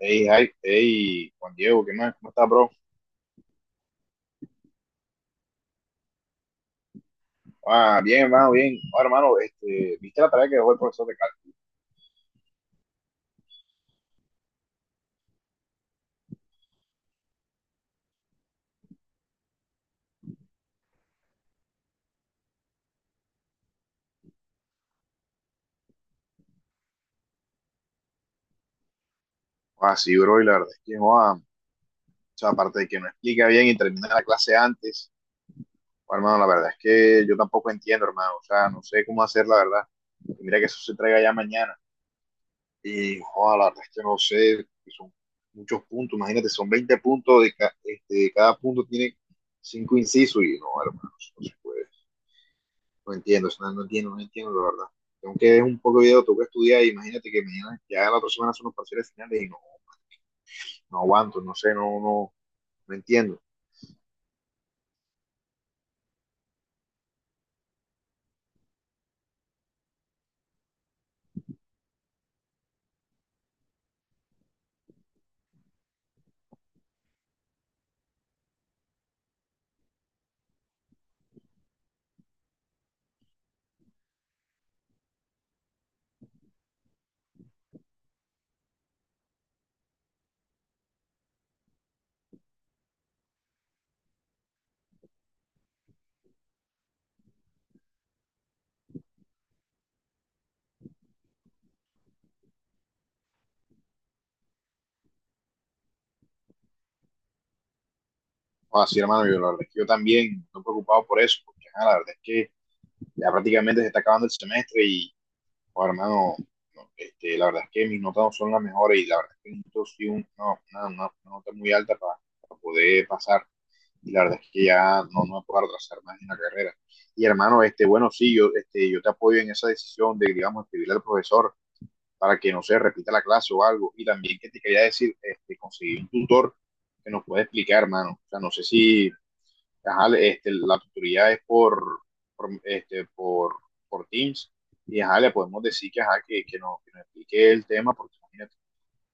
Hey, hi, hey, Juan Diego, ¿qué más? ¿Cómo estás, bro? Ah, bien, hermano, bien. Ah, hermano, este, ¿viste la tarea que dejó el profesor de cálculo? Ah, sí, bro, y la verdad es que, ah, o sea, aparte de que no explica bien y termina la clase antes, ah, hermano, la verdad es que yo tampoco entiendo, hermano, o sea, no sé cómo hacer, la verdad. Y mira que eso se traiga ya mañana. Y, ah, la verdad es que no sé, que son muchos puntos, imagínate, son 20 puntos, de este, cada punto tiene cinco incisos y no, hermano, eso no se puede. No entiendo, o sea, no entiendo, no entiendo la verdad. Tengo que ver un poco de video, tengo que estudiar. Imagínate que mañana, ya la otra semana son los parciales finales y no, no aguanto, no sé, no, no, no entiendo. Ah, sí, hermano, yo, la verdad es que yo también estoy preocupado por eso, porque ah, la verdad es que ya prácticamente se está acabando el semestre y, oh, hermano, no, este, la verdad es que mis notas no son las mejores y la verdad es que necesito sí no, no, no, una nota muy alta para poder pasar. Y la verdad es que ya no, no me puedo retrasar más en la carrera. Y hermano, este, bueno, sí, yo, este, yo te apoyo en esa decisión de, digamos, escribirle al profesor para que no se repita la clase o algo. Y también que te quería decir, este, conseguir un tutor que nos pueda explicar, hermano. O sea, no sé si ajá, este, la tutoría es por, este, por Teams y ajá, le podemos decir que, ajá, que, que nos explique el tema, porque imagínate.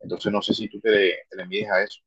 Entonces, no sé si tú te le mides a eso.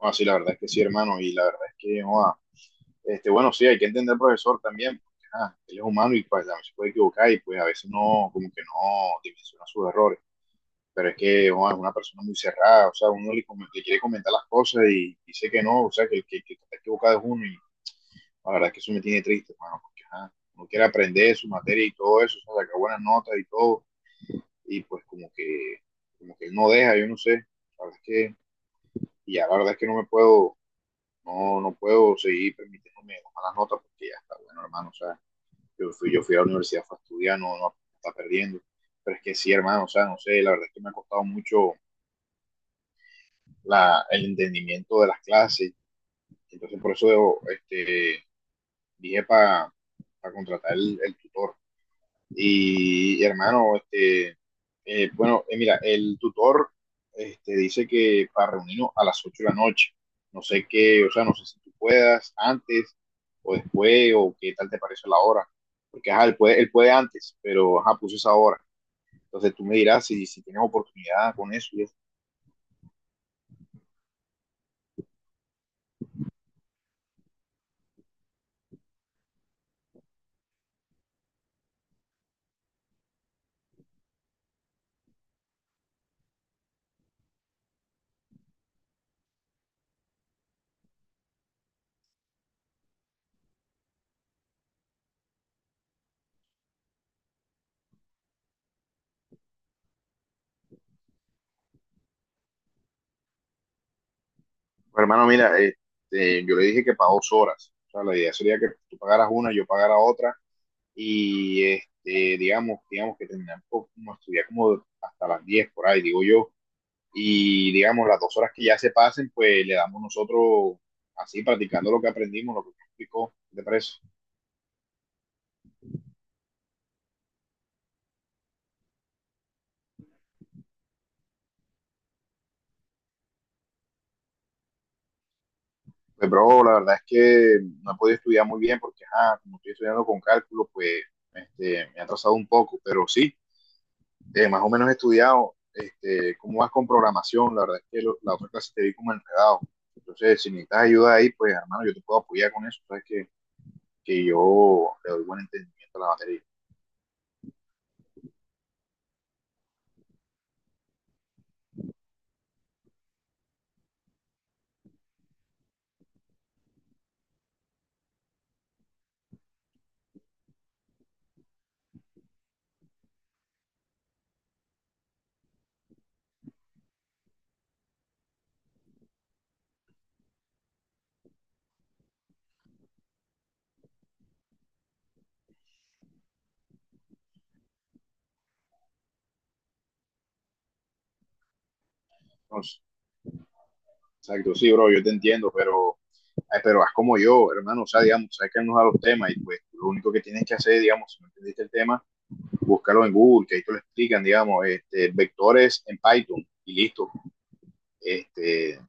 No, así, sí, la verdad es que sí, hermano, y la verdad es que, no este, bueno, sí, hay que entender al profesor también, porque ah, él es humano y pues, también se puede equivocar y pues a veces no, como que no dimensiona sus errores. Pero es que oh, es una persona muy cerrada, o sea, uno le quiere comentar las cosas y dice que no, o sea, que el que está equivocado es uno y la verdad es que eso me tiene triste, hermano, porque ah, uno quiere aprender su materia y todo eso, o sea, sacar buenas notas y todo, y pues como que él no deja, yo no sé, la verdad es que, y ya la verdad es que no me puedo, no, no puedo seguir permitiéndome las malas notas porque ya está bueno, hermano, o sea. Yo fui a la universidad, fue a estudiar, no, no está perdiendo. Pero es que sí, hermano, o sea, no sé, la verdad es que me ha costado mucho el entendimiento de las clases. Entonces, por eso debo, este, dije para contratar el tutor. Y, hermano, este, bueno, mira, el tutor este, dice que para reunirnos a las 8 de la noche. No sé qué, o sea, no sé si tú puedas antes o después o qué tal te parece la hora. Porque, ajá, él puede antes, pero, ajá, puso esa hora. Entonces tú me dirás si tienes oportunidad con eso. Y eso. Pues, hermano, mira, yo le dije que para 2 horas. O sea, la idea sería que tú pagaras una, yo pagara otra. Y este, digamos que terminamos como estudiar como hasta las 10 por ahí, digo yo. Y digamos, las 2 horas que ya se pasen, pues le damos nosotros así practicando lo que aprendimos, lo que me explicó, de preso. Pues, bro, la verdad es que no he podido estudiar muy bien porque, ah, como estoy estudiando con cálculo, pues este, me ha atrasado un poco, pero sí, más o menos estudiado este, cómo vas con programación. La verdad es que la otra clase te vi como enredado. Entonces, si necesitas ayuda ahí, pues hermano, yo te puedo apoyar con eso. Sabes que yo le doy buen entendimiento a la batería. Entonces, exacto, sí, bro, yo te entiendo, pero haz como yo, hermano. O sea, digamos, sabes que él nos da los temas y pues lo único que tienes que hacer, digamos, si no entendiste el tema, búscalo en Google, que ahí te lo explican, digamos, este, vectores en Python y listo. Este,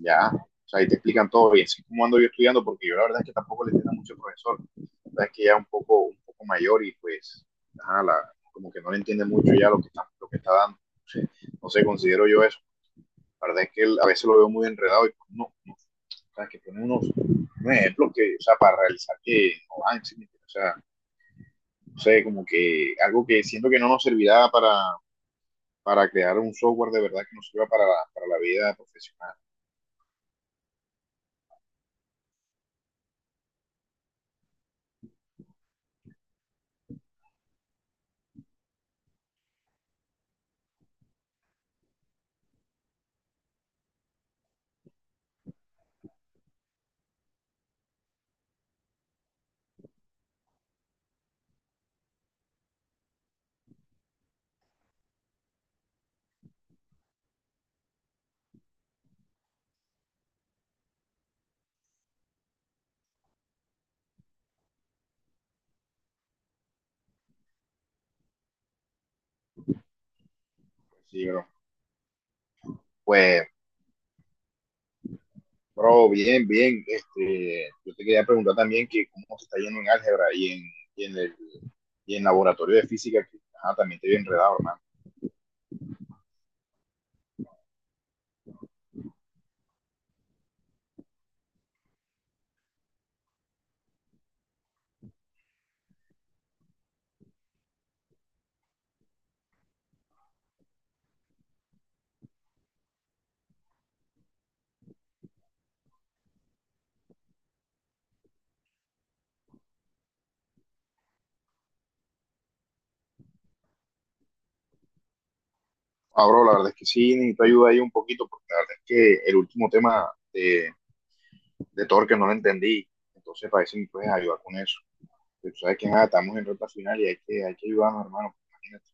ya, o sea, ahí te explican todo y así como ando yo estudiando, porque yo la verdad es que tampoco le entiendo mucho al profesor, la verdad es que ya un poco mayor y pues, ajá, como que no le entiende mucho ya lo que está dando, no sé, considero yo eso, la verdad es que él, a veces lo veo muy enredado y pues, no, no, o sea, que pone unos ejemplos que, o sea, para realizar que no van, ¿sí me entiendes? O sea, no sé, como que algo que siento que no nos servirá para, crear un software de verdad que nos sirva para la vida profesional, sí, pero, pues. Bro, bien, bien. Este, yo te quería preguntar también que cómo te está yendo en álgebra y en el y en laboratorio de física, que ajá, también te vi enredado, hermano. Ah, bro, la verdad es que sí, necesito ayuda ahí un poquito, porque la verdad es que el último tema de Torque no lo entendí. Entonces, para eso me puedes ayudar con eso. Pero tú sabes que nada, estamos en recta final y hay que ayudarnos, hermano. Imagínate.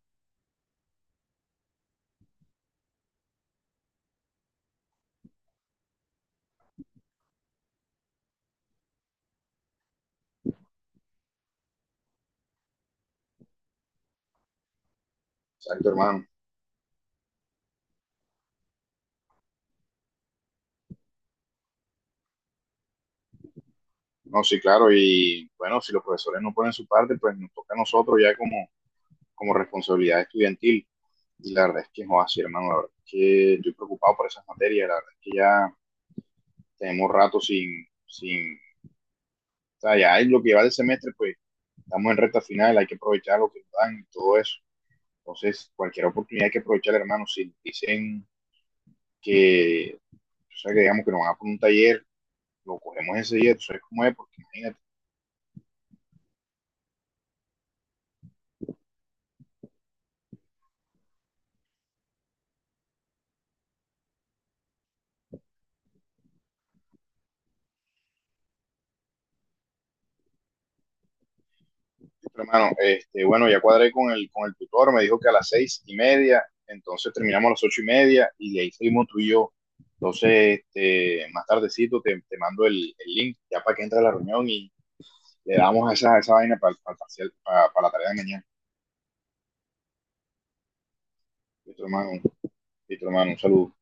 Exacto, hermano. No, sí, claro, y bueno, si los profesores no ponen su parte, pues nos toca a nosotros ya como responsabilidad estudiantil. Y la verdad es que es así, hermano, la verdad es que estoy preocupado por esas materias, la verdad es que ya tenemos rato sin o sea, ya es lo que va del semestre, pues estamos en recta final, hay que aprovechar lo que nos dan y todo eso. Entonces, cualquier oportunidad hay que aprovechar, hermano, si dicen que, o sea, que digamos que nos van a poner un taller, lo cogemos ese día, tú sabes cómo es, porque imagínate, hermano, este, bueno, ya cuadré con el tutor, me dijo que a las 6:30, entonces terminamos a las 8:30 y de ahí seguimos tú y yo. Entonces, este, más tardecito te mando el link ya para que entre a la reunión y le damos esa vaina para la tarea de mañana. Listo, hermano, listo, hermano, un saludo.